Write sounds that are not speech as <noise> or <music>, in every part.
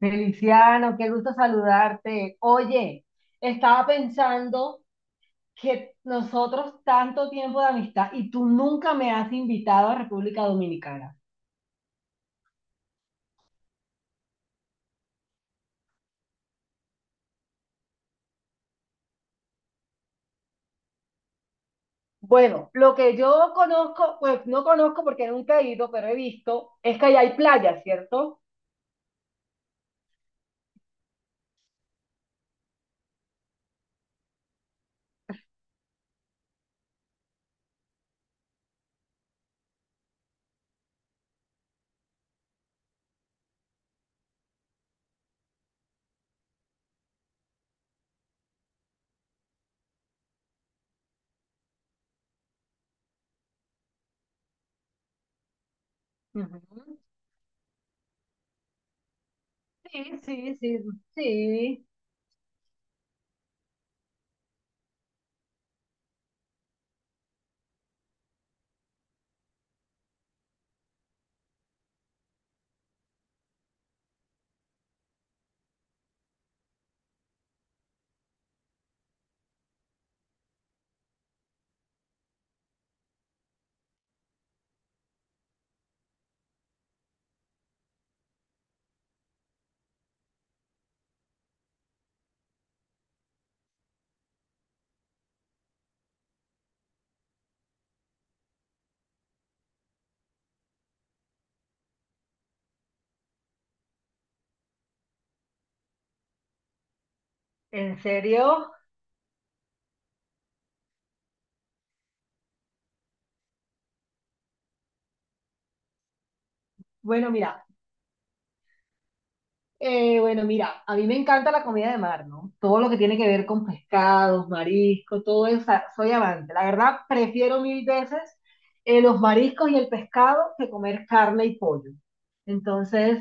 Feliciano, qué gusto saludarte. Oye, estaba pensando que nosotros tanto tiempo de amistad y tú nunca me has invitado a República Dominicana. Bueno, lo que yo conozco, pues no conozco porque nunca he ido, pero he visto, es que allá hay playas, ¿cierto? Ujú. Sí, sí, sí, sí. ¿En serio? Bueno, mira. Bueno, Mira, a mí me encanta la comida de mar, ¿no? Todo lo que tiene que ver con pescados, mariscos, todo eso, o sea, soy amante. La verdad, prefiero mil veces los mariscos y el pescado que comer carne y pollo. Entonces,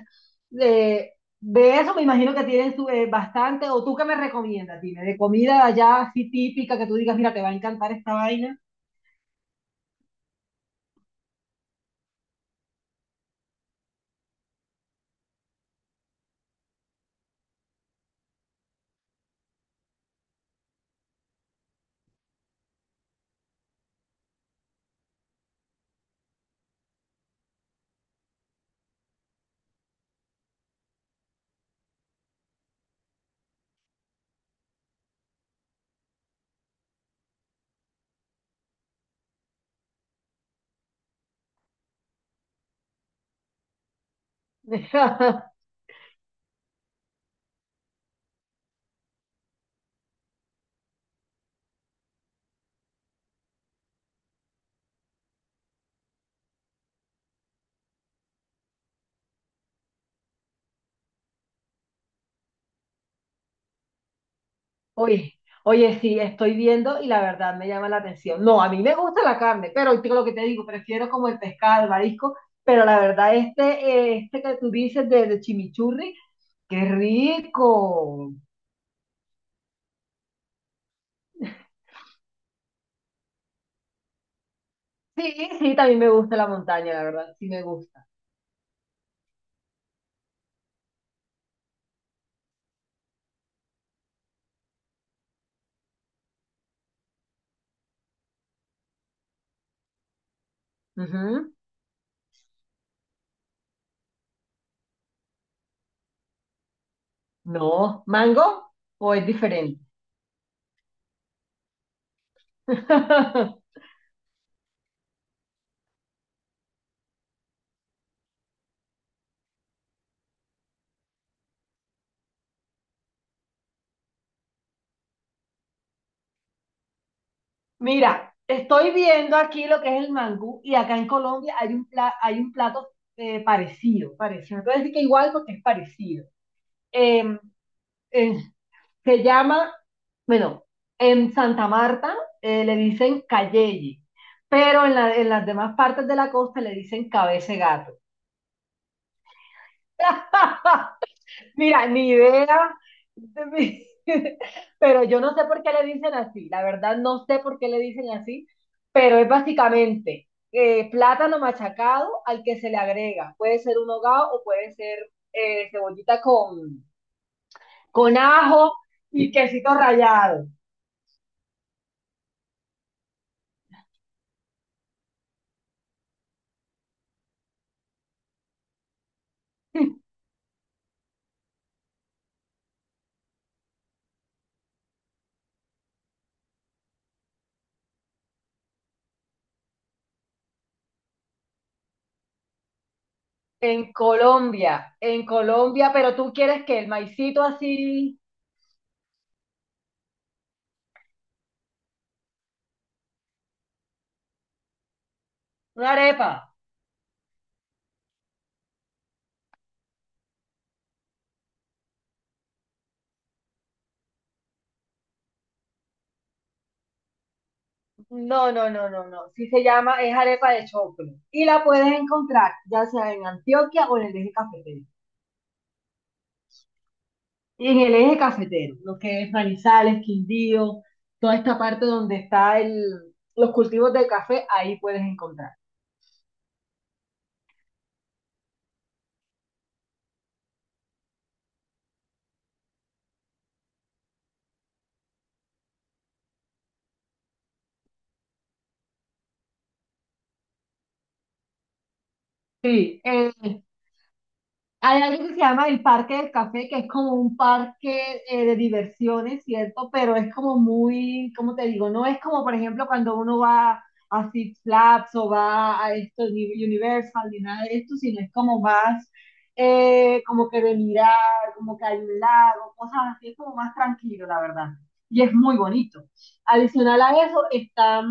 eh, de eso me imagino que tienen bastante. ¿O tú qué me recomiendas? Dime, de comida de allá así típica que tú digas, mira, te va a encantar esta vaina. <laughs> Oye, oye, sí, estoy viendo y la verdad me llama la atención. No, a mí me gusta la carne, pero lo que te digo, prefiero como el pescado, el marisco, pero la verdad este, este que tú dices de chimichurri, qué rico. Sí, sí, también me gusta la montaña, la verdad, sí me gusta. Ujú. No, mango o es diferente. <laughs> Mira, estoy viendo aquí lo que es el mangú y acá en Colombia hay un, hay un plato parecido, parecido. No te voy a decir que igual porque es parecido. eh, eh, Se llama, bueno, en Santa Marta le dicen Cayeye, pero en, en las demás partes de la costa le dicen cabeza de gato. <laughs> Mira, ni idea. de mi- <laughs> Pero yo no sé por qué le dicen así, la verdad no sé por qué le dicen así, pero es básicamente plátano machacado al que se le agrega. Puede ser un hogao o puede ser cebollita con ajo y quesito rallado. En Colombia, pero tú quieres que el maicito así, una arepa. No, no, no, no, no. Sí se llama, es arepa de choclo. Y la puedes encontrar ya sea en Antioquia o en el eje cafetero. Y en el eje cafetero, lo que es Manizales, Quindío, toda esta parte donde está el, los cultivos del café, ahí puedes encontrar. Sí, hay algo que se llama el Parque del Café, que es como un parque de diversiones, ¿cierto? Pero es como muy, ¿cómo te digo? No es como, por ejemplo, cuando uno va a Six Flags o va a esto, ni Universal, ni nada de esto, sino es como más, como que de mirar, como que hay un lago, cosas así, es como más tranquilo, la verdad. Y es muy bonito. Adicional a eso, están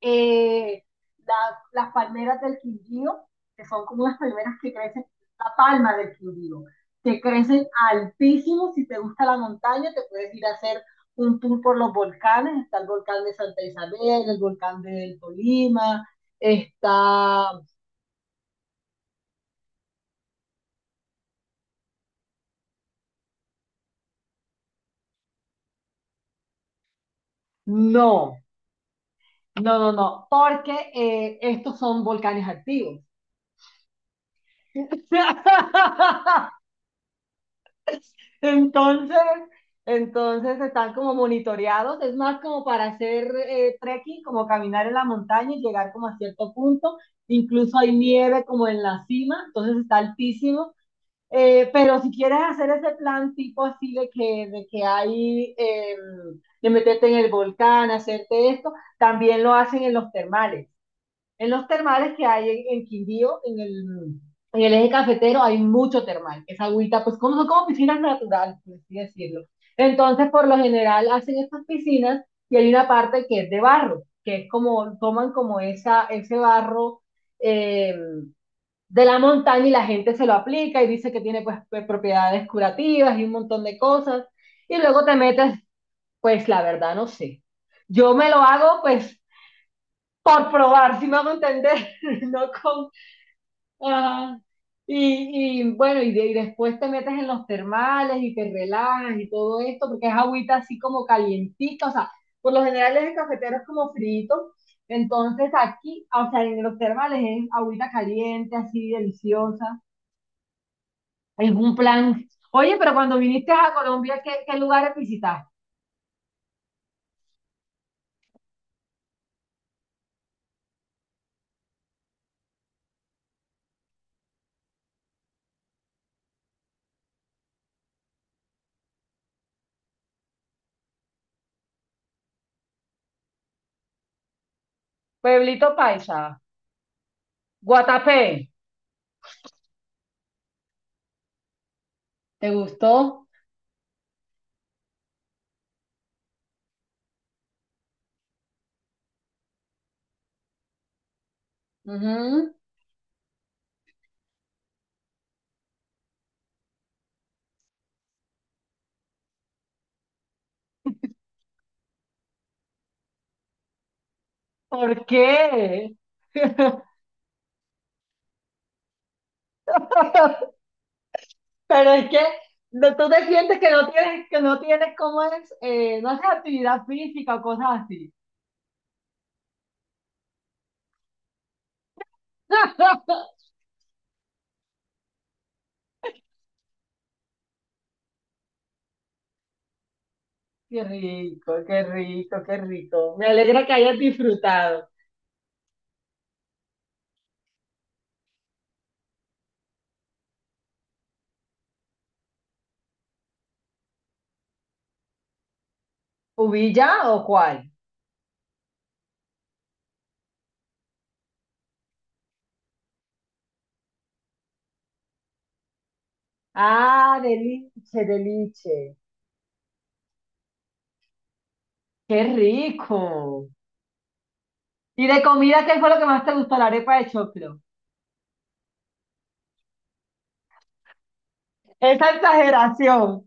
eh, las palmeras del Quindío, que son como las palmeras que crecen, la palma del Quindío, que crecen altísimo. Si te gusta la montaña, te puedes ir a hacer un tour por los volcanes. Está el volcán de Santa Isabel, el volcán del Tolima, está... No, no, no, no, porque estos son volcanes activos. <laughs> Entonces, entonces están como monitoreados, es más como para hacer trekking, como caminar en la montaña y llegar como a cierto punto. Incluso hay nieve como en la cima, entonces está altísimo. Pero si quieres hacer ese plan tipo así de que hay, de meterte en el volcán, hacerte esto, también lo hacen en los termales. En los termales que hay en Quindío, en el eje cafetero, hay mucho termal. Esa agüita, pues como son como piscinas naturales, por así decirlo. Entonces, por lo general, hacen estas piscinas y hay una parte que es de barro, que es como, toman como esa, ese barro eh, de la montaña y la gente se lo aplica y dice que tiene pues propiedades curativas y un montón de cosas. Y luego te metes, pues la verdad no sé. Yo me lo hago pues por probar, si me hago entender, <laughs> no con... Ajá. Y bueno, y, y después te metes en los termales y te relajas y todo esto, porque es agüita así como calientita, o sea, por lo general es el cafetero es como frito, entonces aquí, o sea, en los termales es agüita caliente, así deliciosa, es un plan. Oye, pero cuando viniste a Colombia, ¿qué, qué lugares visitaste? Pueblito Paisa, Guatapé. ¿Te gustó? Ujú. ¿Por qué? <laughs> Pero es que tú te sientes que no tienes cómo es, no haces actividad física o cosas así. <laughs> Qué rico, qué rico, qué rico. Me alegra que hayas disfrutado. ¿Ubilla o cuál? Ah, deliche, deliche. Qué rico. ¿Y de comida qué fue lo que más te gustó? La arepa de choclo. <laughs> Esa exageración.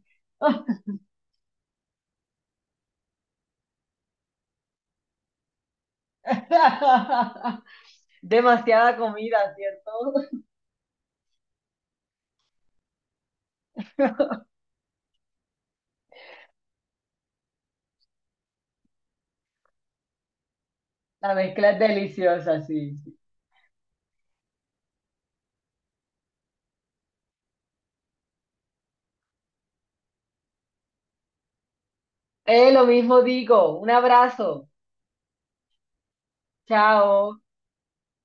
<laughs> Demasiada comida, ¿cierto? La mezcla es deliciosa, sí. Sí. Lo mismo digo. Un abrazo. Chao.